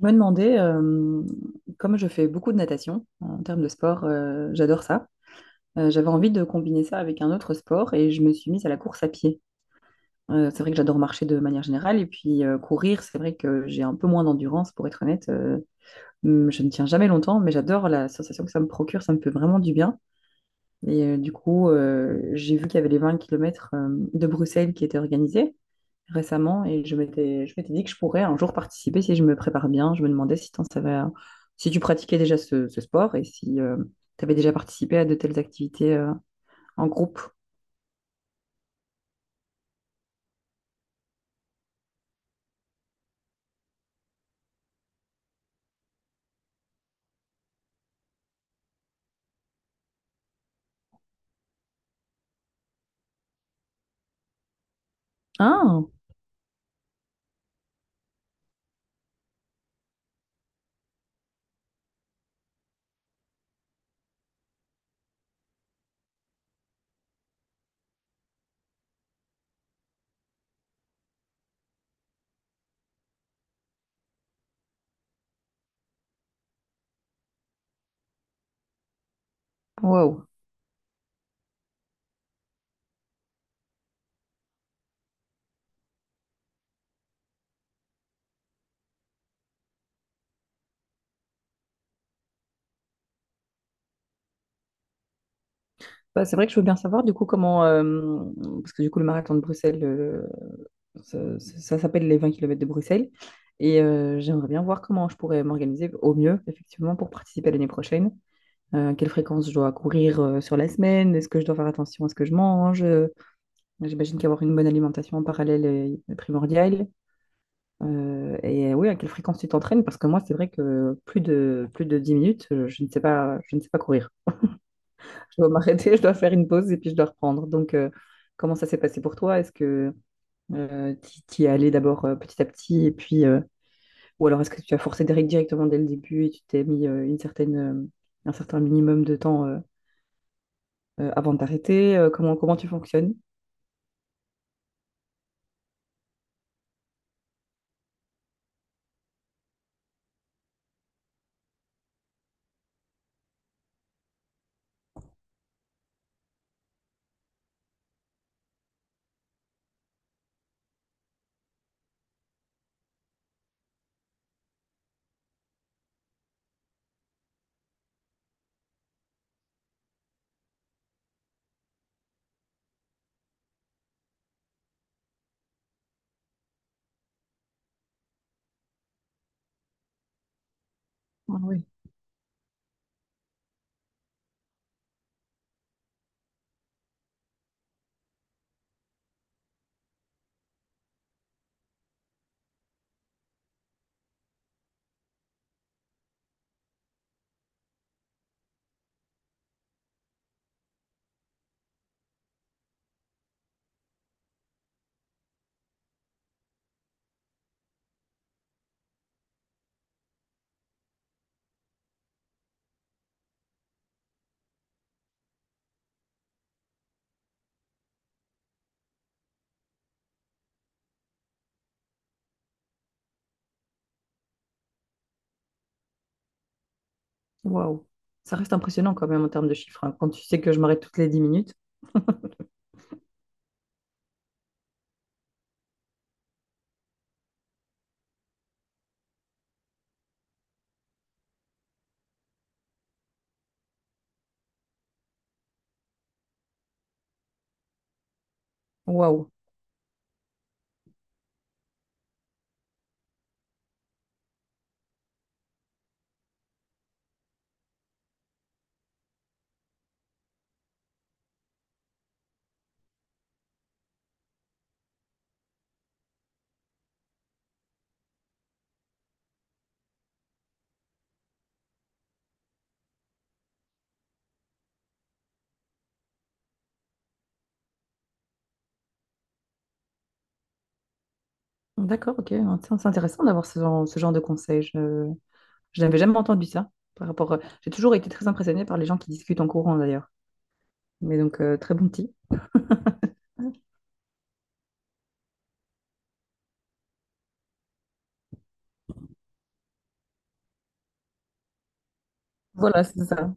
Je me demandais, comme je fais beaucoup de natation en termes de sport, j'adore ça. J'avais envie de combiner ça avec un autre sport et je me suis mise à la course à pied. C'est vrai que j'adore marcher de manière générale et puis courir, c'est vrai que j'ai un peu moins d'endurance pour être honnête. Je ne tiens jamais longtemps, mais j'adore la sensation que ça me procure, ça me fait vraiment du bien. Et du coup, j'ai vu qu'il y avait les 20 km de Bruxelles qui étaient organisés récemment et je m'étais dit que je pourrais un jour participer si je me prépare bien. Je me demandais si, t'en savais, si tu pratiquais déjà ce sport et si tu avais déjà participé à de telles activités en groupe. Ah, wow. Bah, c'est vrai que je veux bien savoir du coup comment, parce que du coup le marathon de Bruxelles, ça, ça s'appelle les 20 km de Bruxelles. Et j'aimerais bien voir comment je pourrais m'organiser au mieux, effectivement, pour participer l'année prochaine. Quelle fréquence je dois courir sur la semaine? Est-ce que je dois faire attention à ce que je mange? J'imagine qu'avoir une bonne alimentation en parallèle est primordial. Et oui, à quelle fréquence tu t'entraînes? Parce que moi, c'est vrai que plus de 10 minutes, je ne sais pas, je ne sais pas courir. Je dois m'arrêter, je dois faire une pause et puis je dois reprendre. Donc, comment ça s'est passé pour toi? Est-ce que euh, tu y es allé d'abord petit à petit et puis, ou alors est-ce que tu as forcé des règles directement dès le début et tu t'es mis une certaine, un certain minimum de temps avant de t'arrêter? Comment, comment tu fonctionnes? Waouh. Ça reste impressionnant quand même en termes de chiffres, hein. Quand tu sais que je m'arrête toutes les 10 minutes. Waouh. D'accord, ok. Tiens, c'est intéressant d'avoir ce genre de conseils. Je n'avais jamais entendu ça. Par rapport, à- j'ai toujours été très impressionnée par les gens qui discutent en courant d'ailleurs. Mais donc, très bon petit. Voilà, c'est ça.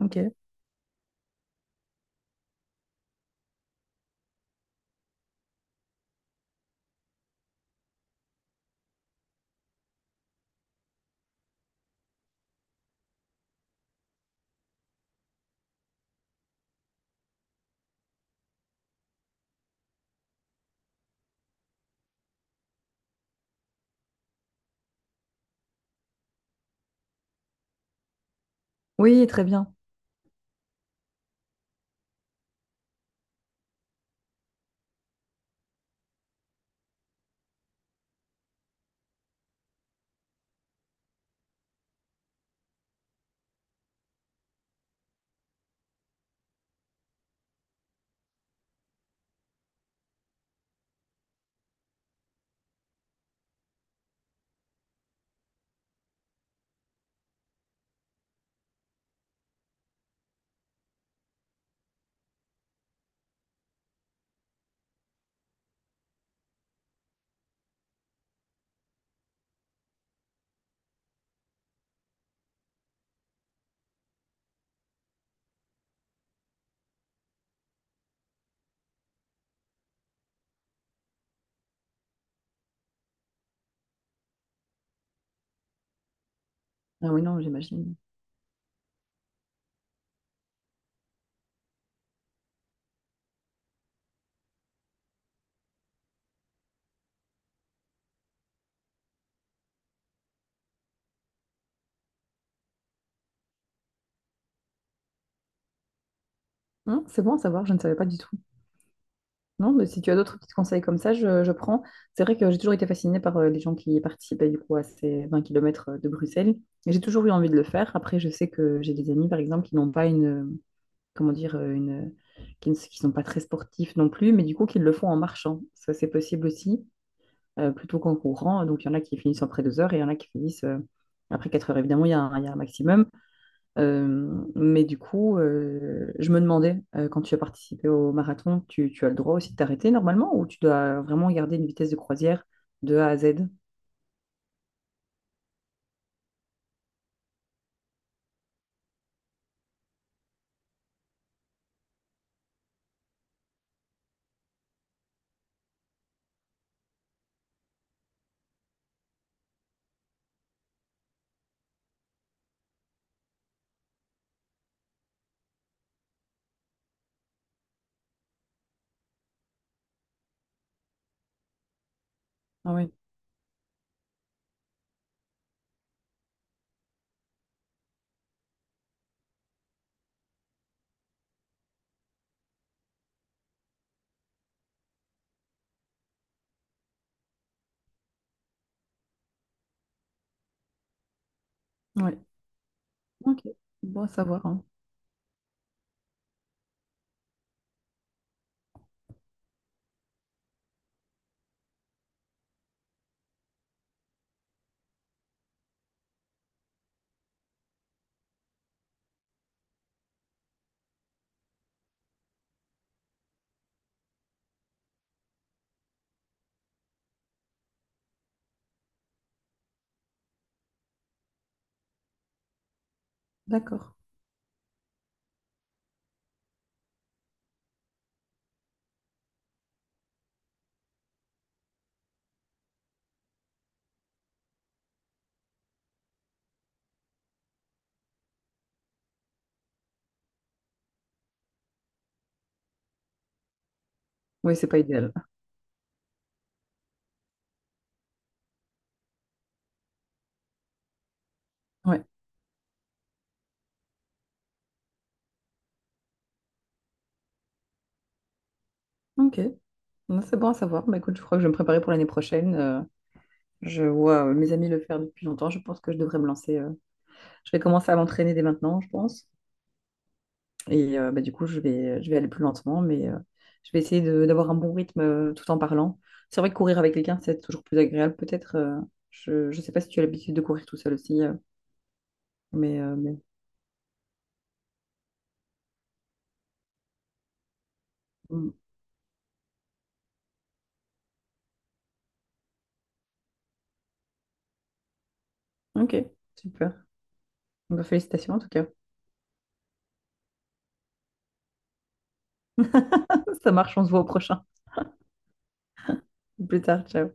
Ok. Oui, très bien. Ah oui, non, j'imagine. C'est bon à savoir, je ne savais pas du tout. Non, mais si tu as d'autres petits conseils comme ça, je prends. C'est vrai que j'ai toujours été fascinée par les gens qui participaient du coup à ces 20 kilomètres de Bruxelles. Et j'ai toujours eu envie de le faire. Après, je sais que j'ai des amis, par exemple, qui n'ont pas une, comment dire, une, qui sont pas très sportifs non plus, mais du coup, qui le font en marchant. Ça, c'est possible aussi, plutôt qu'en courant. Donc, il y en a qui finissent après 2 heures et il y en a qui finissent après 4 heures. Évidemment, il y a un maximum. Mais du coup, je me demandais, quand tu as participé au marathon, tu as le droit aussi de t'arrêter normalement ou tu dois vraiment garder une vitesse de croisière de A à Z? Ah oui, ouais. Ok. Bon à savoir, hein. D'accord. Oui, c'est pas idéal. Ouais. Ok. Non, c'est bon à savoir. Bah, écoute, je crois que je vais me préparer pour l'année prochaine. Je vois mes amis le faire depuis longtemps. Je pense que je devrais me lancer. Je vais commencer à m'entraîner dès maintenant, je pense. Et bah, du coup, je vais aller plus lentement, mais je vais essayer de- d'avoir un bon rythme tout en parlant. C'est vrai que courir avec quelqu'un, c'est toujours plus agréable, peut-être. Je ne sais pas si tu as l'habitude de courir tout seul aussi, mais- Mm. Ok, super. Bah, félicitations en tout cas. Ça marche, on se voit au prochain. Plus tard, ciao.